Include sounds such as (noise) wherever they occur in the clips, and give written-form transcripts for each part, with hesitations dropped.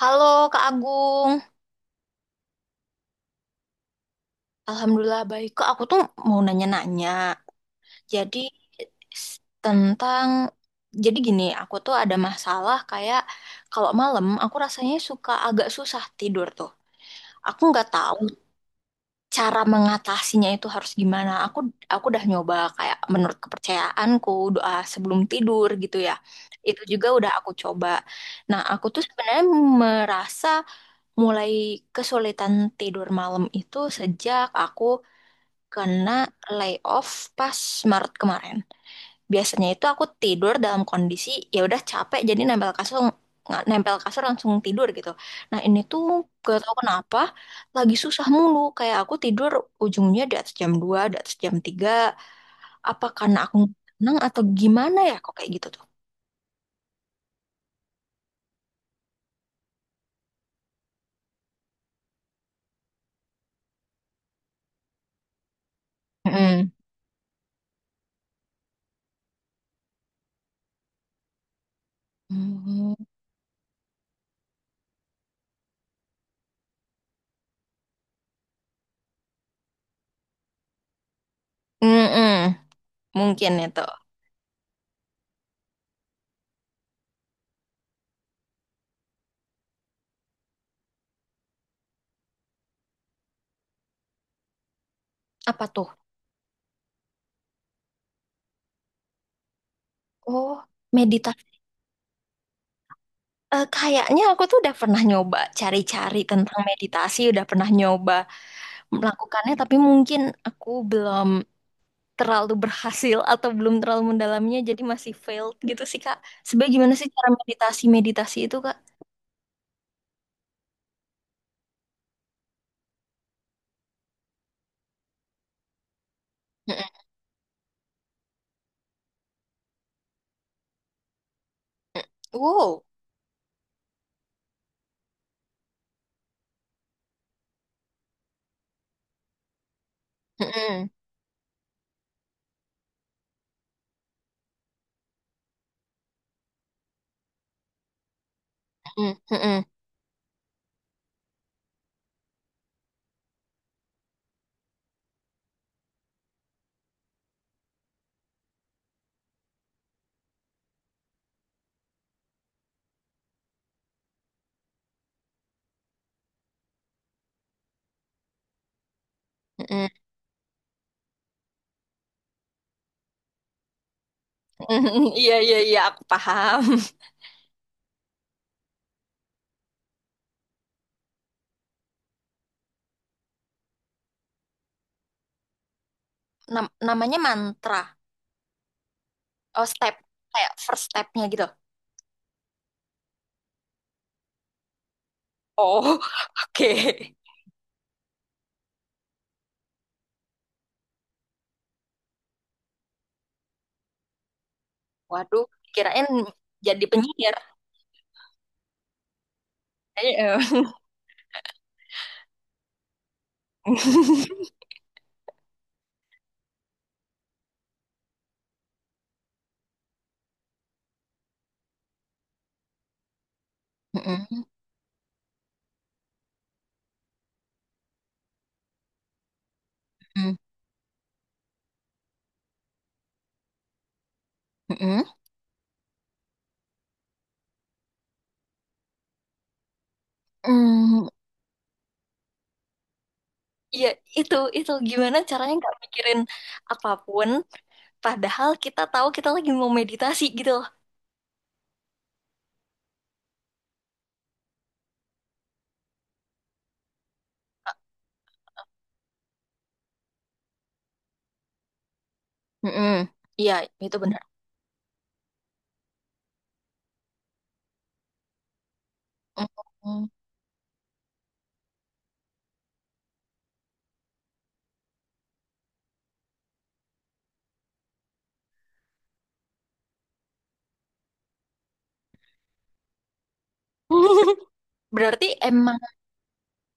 Halo Kak Agung, Alhamdulillah baik. Kak, aku tuh mau nanya-nanya. Jadi s- tentang, jadi gini, aku tuh ada masalah kayak kalau malam aku rasanya suka agak susah tidur tuh. Aku nggak tahu cara mengatasinya itu harus gimana. Aku udah nyoba kayak menurut kepercayaanku doa sebelum tidur gitu ya. Itu juga udah aku coba. Nah, aku tuh sebenarnya merasa mulai kesulitan tidur malam itu sejak aku kena layoff pas Maret kemarin. Biasanya itu aku tidur dalam kondisi ya udah capek jadi nempel kasur langsung tidur gitu. Nah, ini tuh gak tau kenapa lagi susah mulu kayak aku tidur ujungnya di atas jam 2, di atas jam 3. Apa karena aku tenang atau gimana ya kok kayak gitu tuh. Mm. Mm. Mm-mm. Mungkin itu. Apa tuh? Oh, meditasi. Eh, kayaknya aku tuh udah pernah nyoba cari-cari tentang meditasi, udah pernah nyoba melakukannya, tapi mungkin aku belum terlalu berhasil (laughs) atau belum terlalu mendalamnya, jadi masih failed gitu sih, Kak. Sebenarnya gimana sih cara meditasi-meditasi itu, Kak? Mm-mm. Wow. Mm-mm. Mm-mm. Mm-mm. Mm-mm. (laughs) Iya, iya, iya, aku paham. Namanya mantra. Oh, step. Kayak first stepnya gitu. Oh, (laughs) oke. Waduh, kirain jadi penyiar. Eh, eh. Mm-mm, mm-mm, mm-mm. Mm, iya, itu gimana caranya nggak mikirin apapun, padahal kita tahu kita lagi mau meditasi gitu loh. Mm-mm. Iya, itu benar. Mm. (laughs) Berarti emang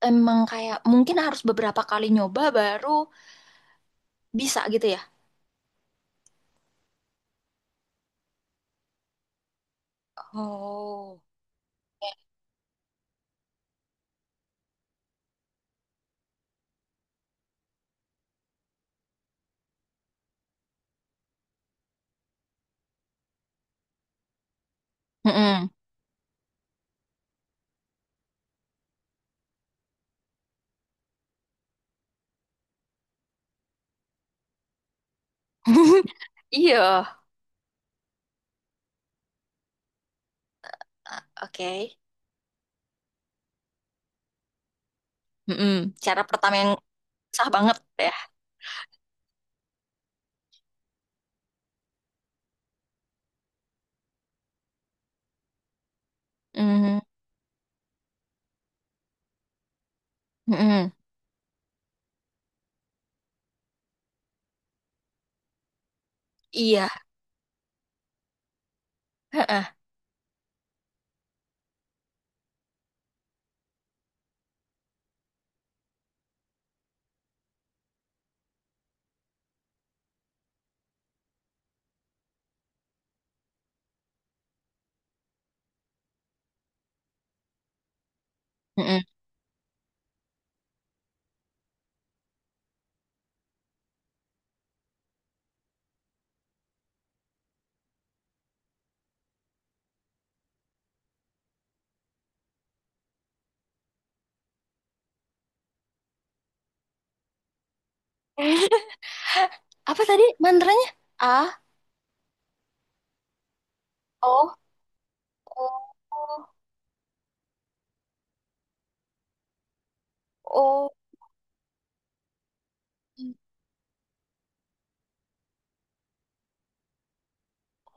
emang kayak mungkin harus beberapa kali nyoba baru bisa gitu ya? Oh. Mm-mm. (laughs) Iya. Ah, oke. Mm-mm. Cara pertama yang sah banget ya. Mm-mm. Mm-mm. Iya. Heeh. (laughs) Apa tadi mantranya? A, O, O, O, O,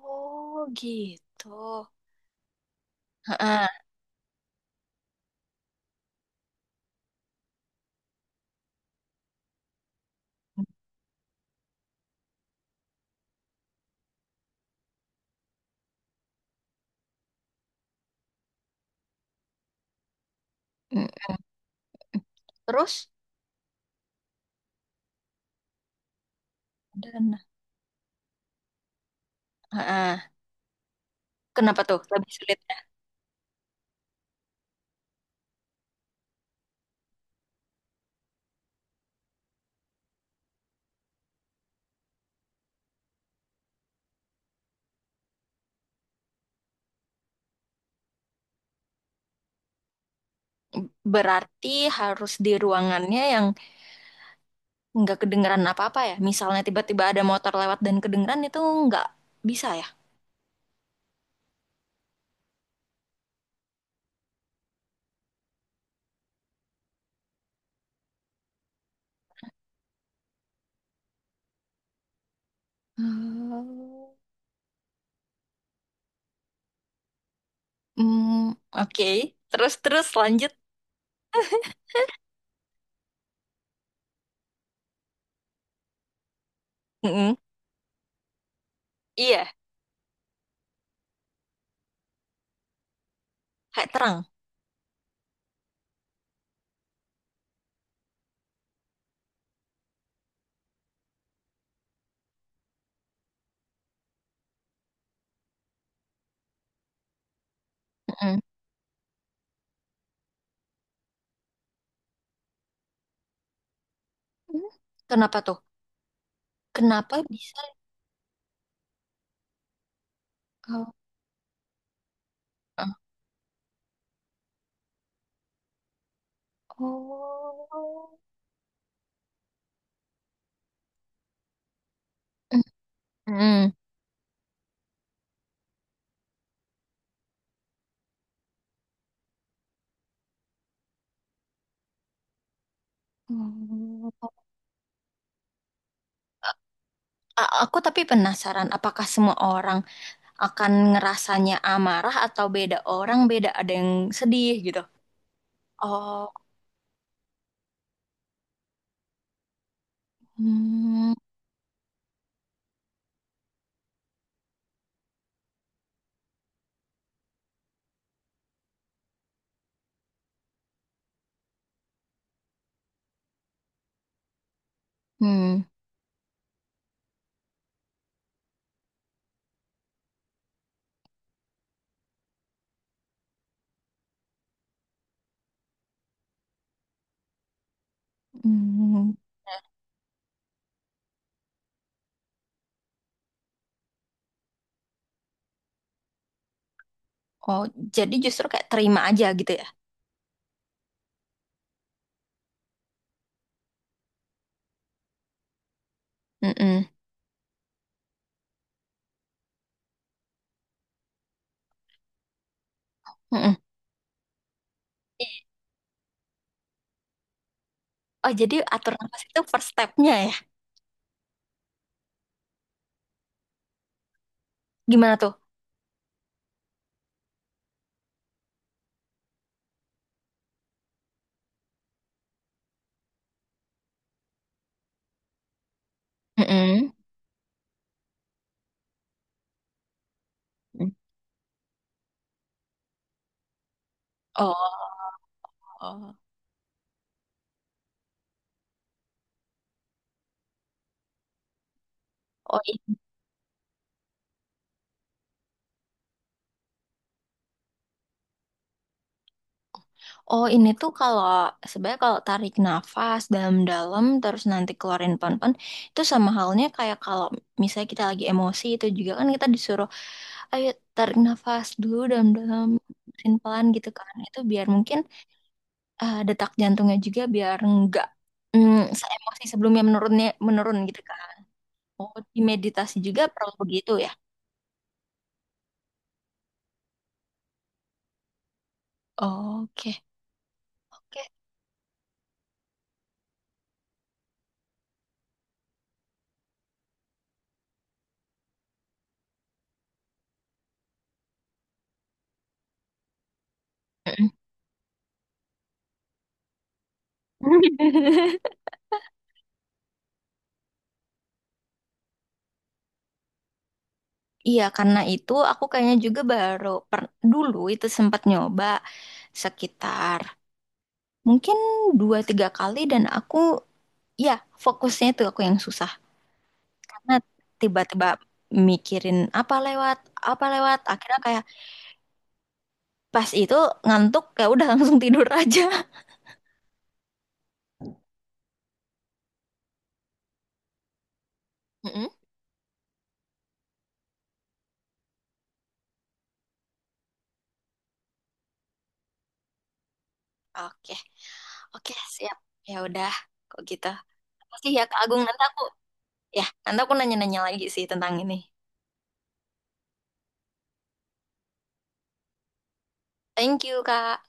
oh, gitu. Heeh. Mm. Terus, dan heeh. Kenapa tuh lebih sulitnya? Berarti harus di ruangannya yang nggak kedengeran apa-apa ya. Misalnya tiba-tiba ada motor lewat dan kedengeran itu nggak bisa ya. Hmm. Hmm, oke. Terus, terus lanjut. Mm-mm. Iya, kayak terang. Mm-mm. Kenapa tuh? Kenapa bisa? Oh, eh, oh. Mm, mm. Hmm. Aku tapi penasaran, apakah semua orang akan ngerasanya amarah atau beda orang, beda ada yang sedih gitu. Oh, hmm, hmm, hmm. Oh, jadi justru kayak terima aja gitu ya. Mm-mm, mm-mm. Oh, jadi atur nafas itu first step-nya ya? Gimana tuh? Mm-mm. Oh, oh, iya. Oh, ini tuh kalau sebenarnya kalau tarik nafas dalam-dalam terus nanti keluarin pon-pon itu sama halnya kayak kalau misalnya kita lagi emosi itu juga kan kita disuruh ayo tarik nafas dulu dalam-dalam mesin pelan gitu kan. Itu biar mungkin, detak jantungnya juga biar enggak, mm, se-emosi sebelumnya menurunnya menurun gitu kan. Oh, di meditasi juga perlu begitu ya. Oke. Oke. Mm-mm. (laughs) Iya, karena itu aku kayaknya juga baru dulu itu sempat nyoba sekitar mungkin dua tiga kali dan aku, ya fokusnya itu aku yang susah karena tiba-tiba mikirin apa lewat akhirnya kayak pas itu ngantuk kayak udah (laughs) langsung tidur aja. Mm-mm. Oke, oke siap. Ya udah kok gitu. Makasih ya Kak Agung, nanti aku nanya-nanya lagi sih tentang ini. Thank you Kak.